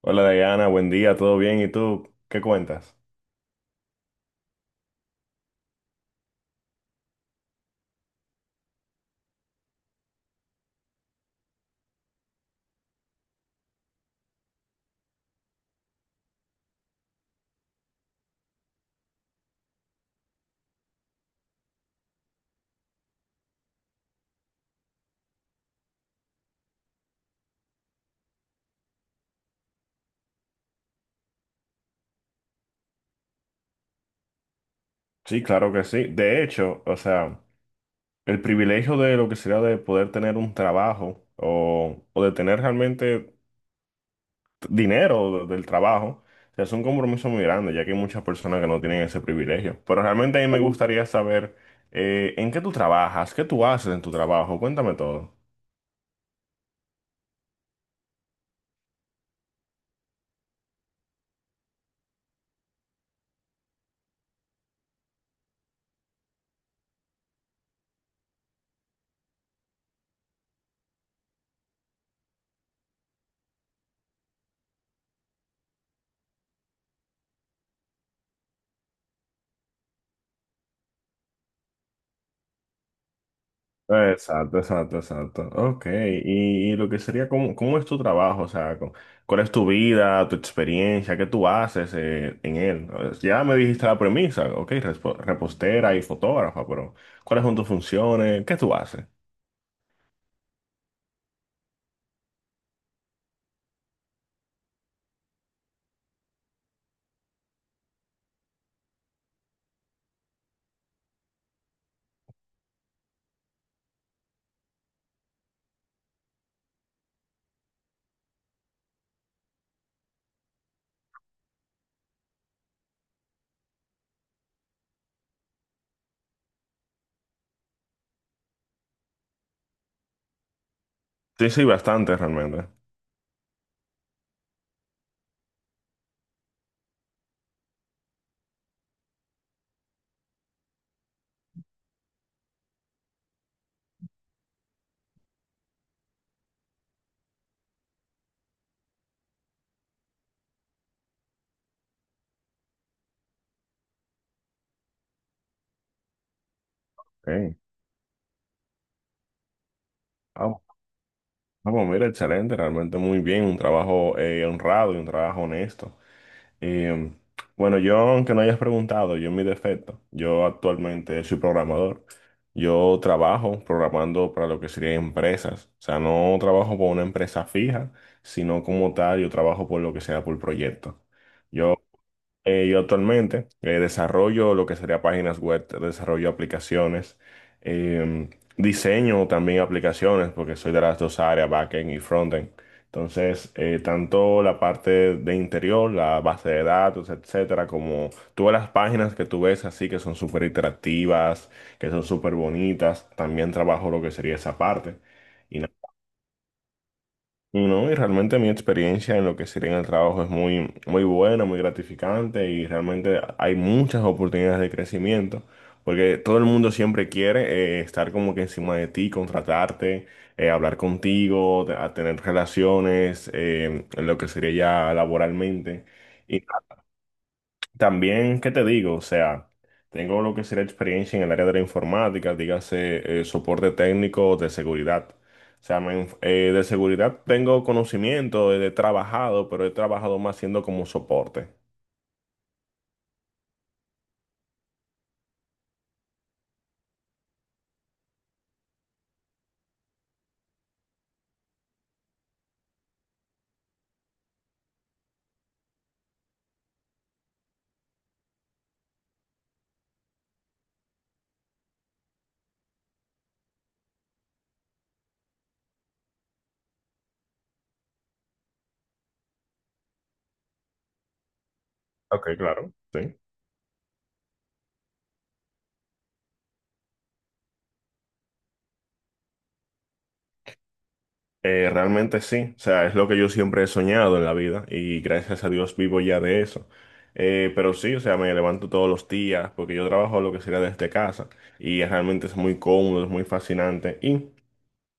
Hola Diana, buen día, ¿todo bien? ¿Y tú qué cuentas? Sí, claro que sí. De hecho, o sea, el privilegio de lo que sería de poder tener un trabajo o de tener realmente dinero del trabajo, o sea, es un compromiso muy grande, ya que hay muchas personas que no tienen ese privilegio. Pero realmente a mí me gustaría saber en qué tú trabajas, qué tú haces en tu trabajo, cuéntame todo. Exacto, exacto, exacto. Ok, y lo que sería, ¿cómo, cómo es tu trabajo? O sea, ¿cuál es tu vida, tu experiencia? ¿Qué tú haces en él? Ya me dijiste la premisa, ok, repostera y fotógrafa, pero ¿cuáles son tus funciones? ¿Qué tú haces? Sí, sí, bastante realmente. Ok. Ah, bu- ah, bueno, mira, excelente, realmente muy bien, un trabajo honrado y un trabajo honesto. Y bueno, yo, aunque no hayas preguntado, yo en mi defecto, yo actualmente soy programador. Yo trabajo programando para lo que serían empresas. O sea, no trabajo por una empresa fija, sino como tal, yo trabajo por lo que sea por proyecto. Yo yo actualmente desarrollo lo que sería páginas web, desarrollo aplicaciones, eh, diseño también aplicaciones, porque soy de las dos áreas, backend y frontend. Entonces, tanto la parte de interior, la base de datos, etcétera, como todas las páginas que tú ves así que son súper interactivas, que son súper bonitas, también trabajo lo que sería esa parte. Y no, y realmente mi experiencia en lo que sería en el trabajo es muy, muy buena, muy gratificante y realmente hay muchas oportunidades de crecimiento, porque todo el mundo siempre quiere estar como que encima de ti, contratarte, hablar contigo, a tener relaciones, en lo que sería ya laboralmente. También, ¿qué te digo? O sea, tengo lo que sería experiencia en el área de la informática, dígase soporte técnico de seguridad. O sea, de seguridad tengo conocimiento, he trabajado, pero he trabajado más siendo como soporte. Ok, claro. Sí. Realmente sí. O sea, es lo que yo siempre he soñado en la vida y gracias a Dios vivo ya de eso. Pero sí, o sea, me levanto todos los días porque yo trabajo lo que sería desde casa y realmente es muy cómodo, es muy fascinante.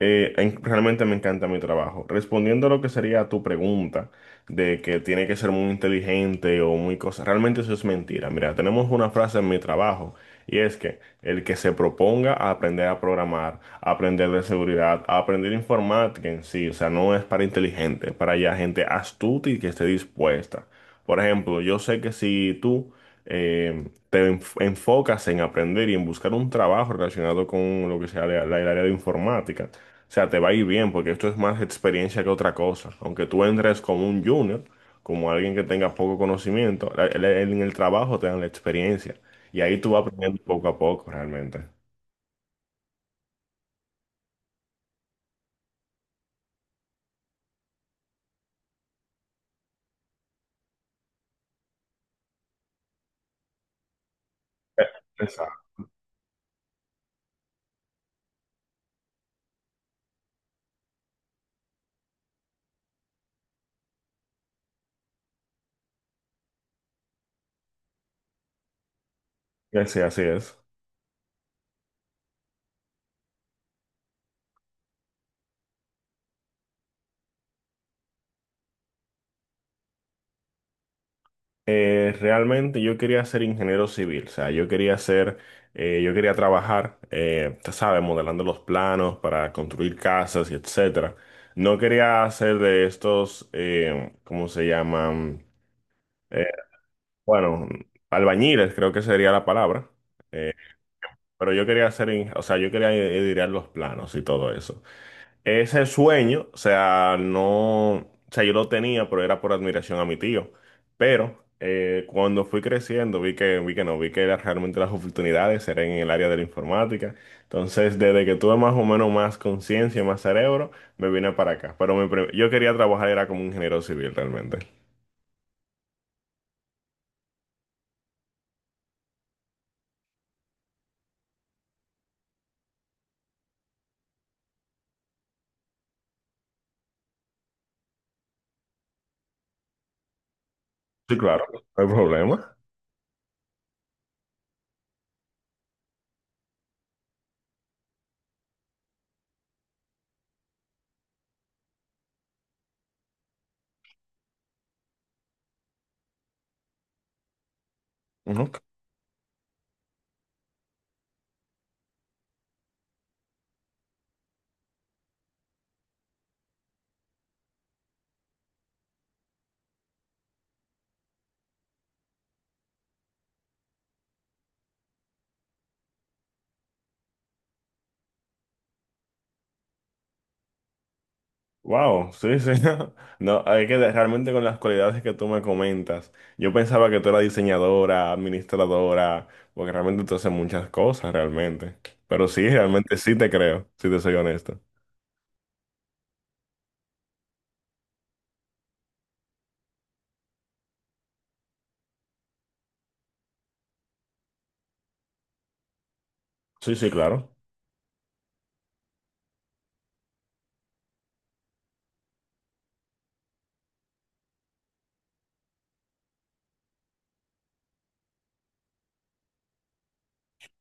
Realmente me encanta mi trabajo. Respondiendo a lo que sería tu pregunta de que tiene que ser muy inteligente o muy cosa, realmente eso es mentira. Mira, tenemos una frase en mi trabajo y es que el que se proponga a aprender a programar, a aprender de seguridad, a aprender informática en sí, o sea, no es para inteligente, es para ya gente astuta y que esté dispuesta. Por ejemplo, yo sé que si tú enfocas en aprender y en buscar un trabajo relacionado con lo que sea el área de informática, o sea, te va a ir bien porque esto es más experiencia que otra cosa. Aunque tú entres como un junior, como alguien que tenga poco conocimiento, en el trabajo te dan la experiencia. Y ahí tú vas aprendiendo poco a poco realmente. Eh, Exacto. Sí, así es. Realmente yo quería ser ingeniero civil, o sea, yo quería ser, yo quería trabajar, tú sabes, modelando los planos para construir casas y etcétera. No quería hacer de estos, ¿cómo se llaman? Eh, Bueno, albañiles creo que sería la palabra. Eh, pero yo quería hacer, o sea, yo quería editar los planos y todo eso. Ese sueño, o sea, no, o sea, yo lo tenía, pero era por admiración a mi tío. Pero cuando fui creciendo, vi que no, vi que era realmente las oportunidades eran en el área de la informática. Entonces, desde que tuve más o menos más conciencia y más cerebro, me vine para acá. Pero mi pre, yo quería trabajar, era como ingeniero civil realmente. Sí, claro, no hay problema. Wow, sí, sí. No, hay que realmente con las cualidades que tú me comentas. Yo pensaba que tú eras diseñadora, administradora, porque realmente tú haces muchas cosas realmente. Pero sí, realmente sí te creo, si te soy honesto. Sí, sí, claro.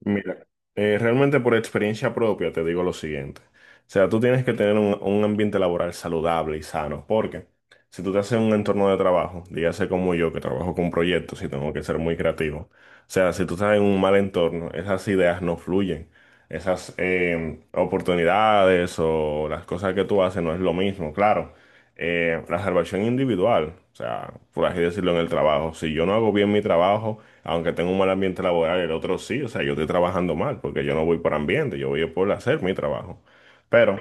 Mira, realmente por experiencia propia te digo lo siguiente. O sea, tú tienes que tener un ambiente laboral saludable y sano, porque si tú te haces un entorno de trabajo, dígase como yo que trabajo con proyectos y tengo que ser muy creativo, o sea, si tú estás en un mal entorno, esas ideas no fluyen, esas oportunidades o las cosas que tú haces no es lo mismo, claro la salvación individual, o sea, por así decirlo, en el trabajo. Si yo no hago bien mi trabajo, aunque tenga un mal ambiente laboral, el otro sí, o sea, yo estoy trabajando mal, porque yo no voy por ambiente, yo voy por hacer mi trabajo. Pero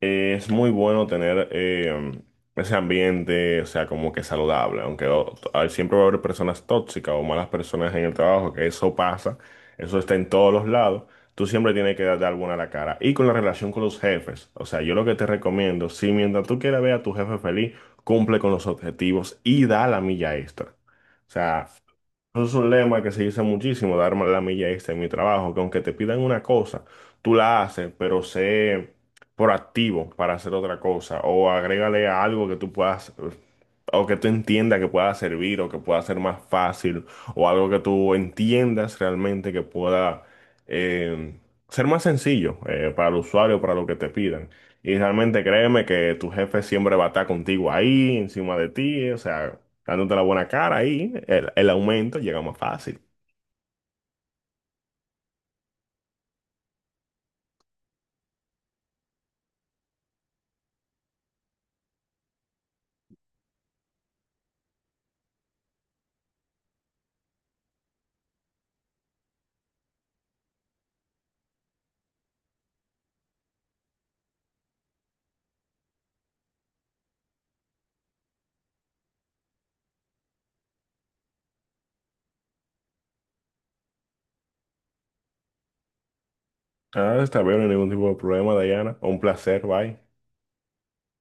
es muy bueno tener ese ambiente, o sea, como que saludable, aunque siempre va a haber personas tóxicas o malas personas en el trabajo, que eso pasa, eso está en todos los lados. Tú siempre tienes que dar buena la cara. Y con la relación con los jefes, o sea, yo lo que te recomiendo, si mientras tú quieras ver a tu jefe feliz, cumple con los objetivos y da la milla extra. O sea, eso es un lema que se dice muchísimo, dar la milla extra en mi trabajo, que aunque te pidan una cosa, tú la haces, pero sé proactivo para hacer otra cosa, o agrégale algo que tú puedas, o que tú entiendas que pueda servir, o que pueda ser más fácil, o algo que tú entiendas realmente que pueda eh, ser más sencillo para el usuario, para lo que te pidan. Y realmente créeme que tu jefe siempre va a estar contigo ahí, encima de ti, o sea dándote la buena cara ahí, el aumento llega más fácil. Ah, está bien, no hay ningún tipo de problema, Diana. Un placer, bye.